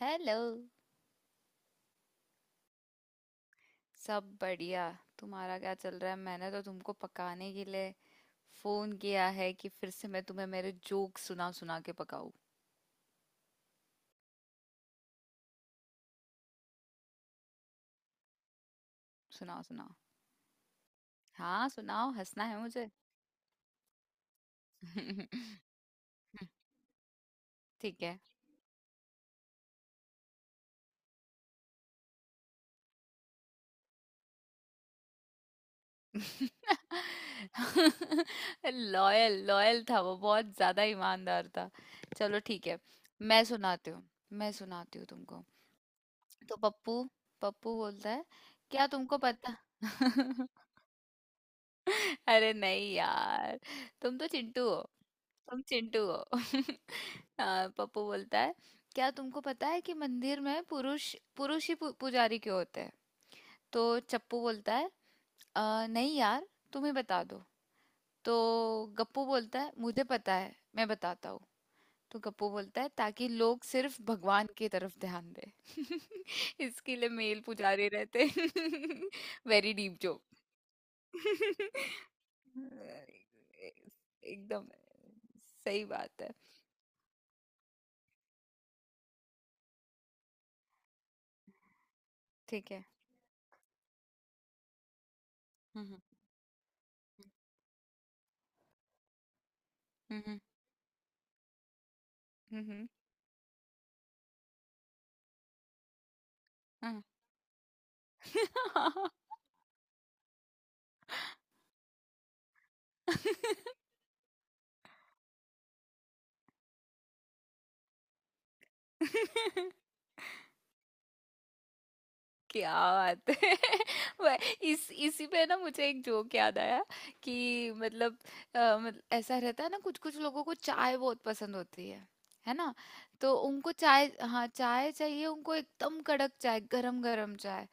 Hello. सब बढ़िया। तुम्हारा क्या चल रहा है? मैंने तो तुमको पकाने के लिए फोन किया है कि फिर से मैं तुम्हें मेरे जोक सुना सुना के पकाऊं। सुनाओ सुनाओ। हाँ सुनाओ, हंसना है मुझे। ठीक है। लॉयल लॉयल था, वो बहुत ज्यादा ईमानदार था। चलो ठीक है। मैं सुनाती हूँ। मैं सुनाती हूँ तुमको। तो पप्पू पप्पू बोलता है, क्या तुमको पता। अरे नहीं यार, तुम तो चिंटू हो। तुम चिंटू हो। हाँ, पप्पू बोलता है, क्या तुमको पता है कि मंदिर में पुरुष पुरुष ही पुजारी क्यों होते हैं। तो चप्पू बोलता है, नहीं यार, तुम ही बता दो।" तो गप्पू बोलता है मुझे पता है मैं बताता हूँ। तो गप्पू बोलता है ताकि लोग सिर्फ भगवान की तरफ ध्यान दे। इसके लिए मेल पुजारी रहते। Very deep joke. एकदम सही बात है। ठीक है। हम्म। हम्म। हम्म। हम्म। हम्म, हाँ। क्या बात है। वह- इस इसी पे ना मुझे एक जोक याद आया, कि मतलब मतलब ऐसा रहता है ना, कुछ कुछ लोगों को चाय बहुत पसंद होती है। है ना। तो उनको चाय, हाँ चाय चाहिए, उनको एकदम कड़क चाय, गरम गरम चाय।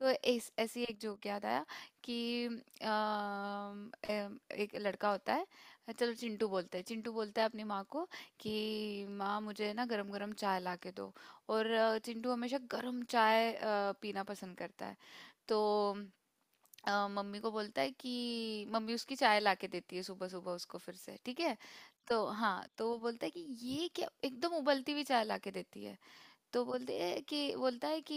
तो इस ऐसी एक जोक याद आया कि अम, अम, एक लड़का होता है। चलो चिंटू बोलते हैं, चिंटू बोलता है अपनी माँ को कि माँ मुझे ना गरम गरम चाय ला के दो। और चिंटू हमेशा गरम चाय पीना पसंद करता है। तो मम्मी को बोलता है कि मम्मी उसकी चाय ला के देती है सुबह सुबह उसको फिर से, ठीक है। तो हाँ तो वो बोलता है कि ये क्या एकदम उबलती हुई चाय ला के देती है। तो बोलते हैं कि बोलता है कि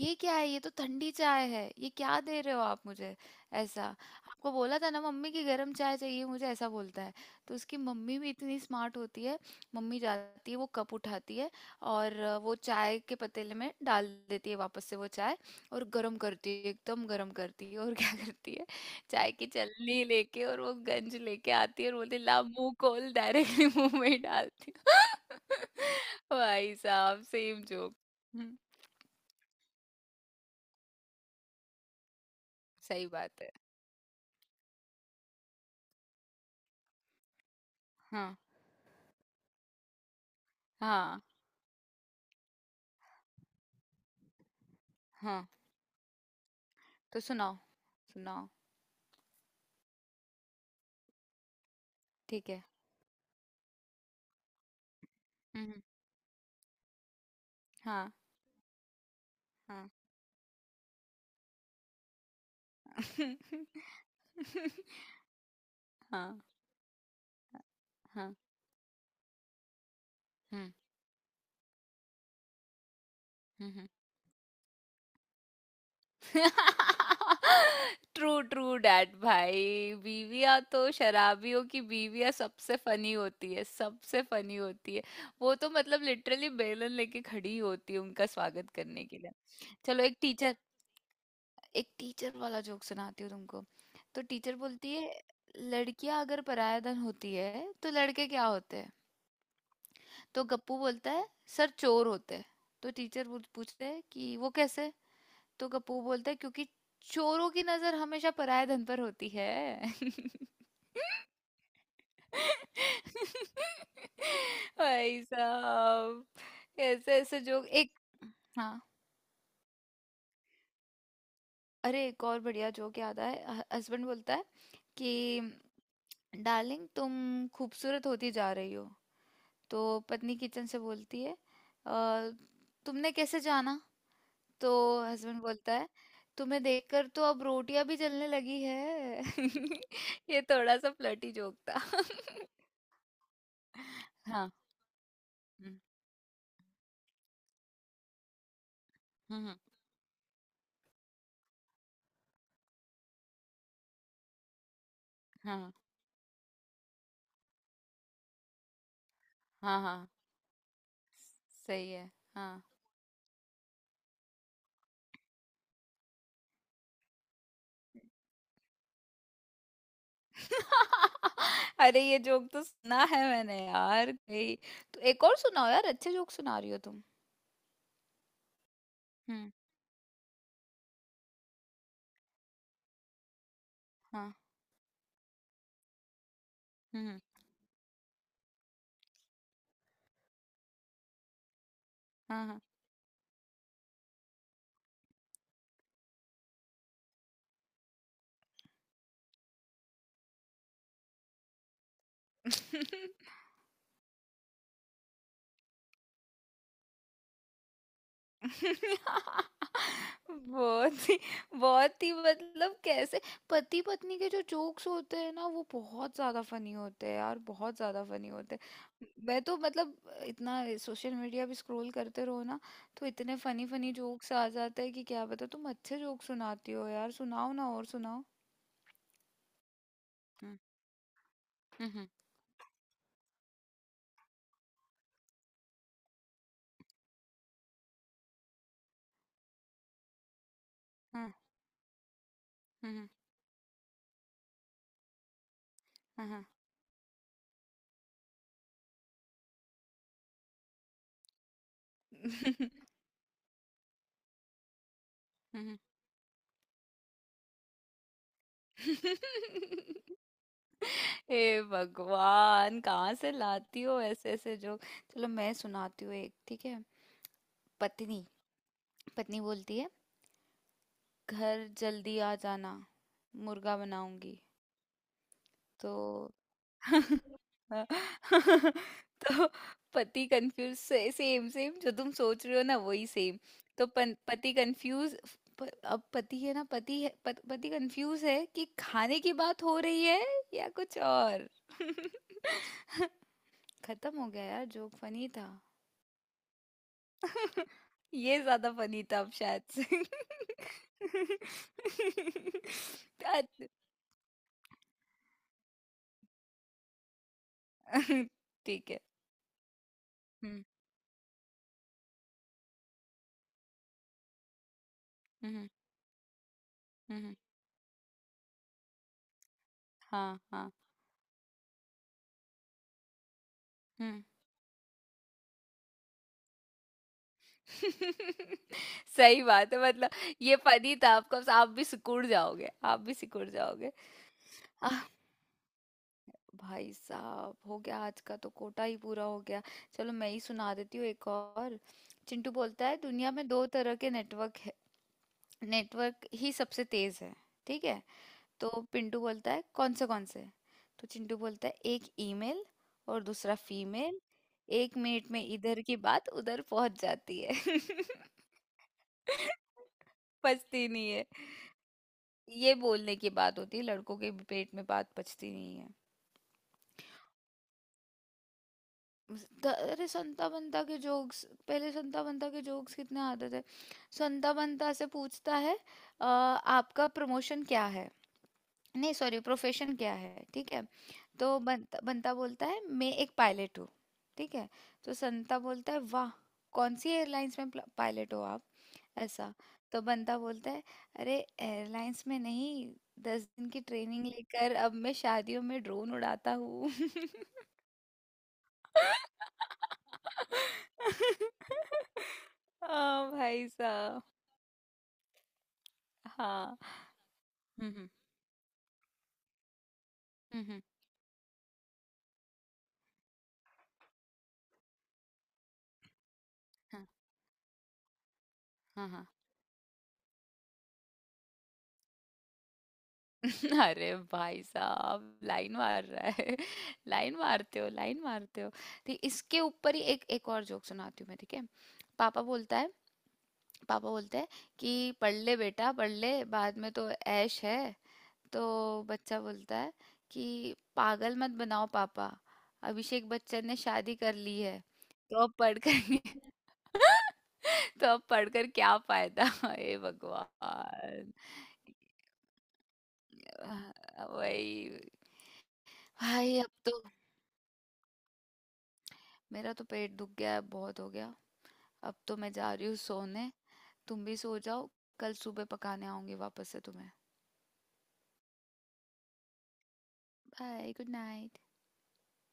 ये क्या है, ये तो ठंडी चाय है, ये क्या दे रहे हो आप मुझे, ऐसा। आपको बोला था ना मम्मी की गर्म चाय चाहिए मुझे, ऐसा बोलता है। तो उसकी मम्मी भी इतनी स्मार्ट होती है, मम्मी जाती है, वो कप उठाती है और वो चाय के पतीले में डाल देती है, वापस से वो चाय और गर्म करती है, एकदम गर्म करती है, और क्या करती है, चाय की छलनी लेके और वो गंज लेके आती है, और बोलती है, ला मुंह खोल, डायरेक्टली मुंह में ही डालती हूँ। भाई साहब सेम जोक। हम्म। सही बात है। हाँ हाँ हाँ। तो सुनाओ सुनाओ। ठीक है। हम्म। हाँ हाँ। हाँ हाँ। हम्म हम्म। ट्रू ट्रू डैड भाई। बीवियां तो, शराबियों की बीवियां सबसे फनी होती है, सबसे फनी होती है। वो तो मतलब लिटरली बेलन लेके खड़ी होती है उनका स्वागत करने के लिए। चलो एक टीचर वाला जोक सुनाती हूँ तुमको। तो टीचर बोलती है, लड़कियां अगर पराया धन होती है तो लड़के क्या होते हैं? तो गप्पू बोलता है, सर चोर होते हैं। तो टीचर पूछते हैं कि वो कैसे। तो कपूर बोलता है क्योंकि चोरों की नजर हमेशा पराये धन पर होती है। भाई साहब। ऐसे ऐसे जोक, एक, हाँ, अरे एक और बढ़िया जोक याद आया। हस्बैंड बोलता है कि डार्लिंग तुम खूबसूरत होती जा रही हो। तो पत्नी किचन से बोलती है, "अ, तुमने कैसे जाना?" तो हस्बैंड बोलता है तुम्हें देखकर तो अब रोटियां भी जलने लगी है। ये थोड़ा सा फ्लर्टी जोक था। हाँ। हम्म, हम्म, हाँ हाँ हाँ। सही है। हाँ। अरे ये जोक तो सुना है मैंने यार कहीं। तो एक और सुनाओ यार, अच्छे जोक सुना रही हो तुम। हम्म। हाँ। हम्म। हाँ हाँ। बहुत ही बहुत ही मतलब कैसे। पति पत्नी के जो जोक्स होते हैं ना वो बहुत ज्यादा फनी होते हैं यार, बहुत ज्यादा फनी होते हैं। मैं तो मतलब इतना सोशल मीडिया भी स्क्रॉल करते रहो ना, तो इतने फनी फनी जोक्स आ जाते हैं कि क्या बता। तुम अच्छे जोक्स सुनाती हो यार, सुनाओ ना और सुनाओ। हम्म हम्म हाँ हाँ हाँ हाँ हम्म हम्म हम्म। हे भगवान, कहाँ से लाती हो ऐसे ऐसे जोक। चलो मैं सुनाती हूँ एक, ठीक है। पत्नी पत्नी बोलती है, घर जल्दी आ जाना, मुर्गा बनाऊंगी। तो तो पति कंफ्यूज से, सेम सेम जो तुम सोच रहे हो ना वही सेम। तो पति कंफ्यूज। अब पति है ना, पति कंफ्यूज है कि खाने की बात हो रही है या कुछ और। खत्म हो गया यार जोक, फनी था। ये ज्यादा फनी था अब शायद से। अच्छ- ठीक है। हम्म। हम्म। हम्म। हाँ हाँ। हम्म। सही बात है मतलब। ये फनी था आपको, आप भी सिकुड़ जाओगे, आप भी सिकुड़ जाओगे। आह, भाई साहब, हो गया, आज का तो कोटा ही पूरा हो गया। चलो मैं ही सुना देती हूँ एक और। चिंटू बोलता है दुनिया में दो तरह के नेटवर्क है, नेटवर्क ही सबसे तेज है, ठीक है। तो पिंटू बोलता है कौन से कौन से? तो चिंटू बोलता है एक ईमेल और दूसरा फीमेल। एक मिनट में इधर की बात उधर पहुंच जाती है। पचती नहीं है। ये बोलने की बात होती है, लड़कों के पेट में बात पचती नहीं है। अरे संता बंता के जोक्स, पहले संता बंता के जोक्स कितने आते थे। संता बंता से पूछता है, आपका प्रमोशन क्या है, नहीं सॉरी प्रोफेशन क्या है, ठीक है?" तो बंता बंता बोलता है मैं एक पायलट हूँ। ठीक है। तो संता बोलता है, वाह, कौन सी एयरलाइंस में पायलट हो आप, ऐसा। तो बंता बोलता है, अरे एयरलाइंस में नहीं, 10 दिन की ट्रेनिंग लेकर अब मैं शादियों में ड्रोन उड़ाता हूँ। हाँ भाई साहब। हाँ। हम्म हम्म हम्म, हम्म, हाँ हाँ। अरे भाई साहब लाइन मार रहा है। लाइन मारते हो, लाइन मारते हो। ठीक इसके ऊपर ही एक एक और जोक सुनाती हूँ मैं, ठीक है। पापा बोलता है पापा बोलते हैं कि पढ़ ले बेटा पढ़ ले, बाद में तो ऐश है। तो बच्चा बोलता है कि पागल मत बनाओ पापा, अभिषेक बच्चन ने शादी कर ली है, तो अब पढ़ कर तो अब पढ़कर क्या फायदा। हे भगवान। वही। हाय अब तो मेरा तो पेट दुख गया है, बहुत हो गया। अब तो मैं जा रही हूँ सोने, तुम भी सो जाओ, कल सुबह पकाने आऊंगी वापस से तुम्हें। Bye good night.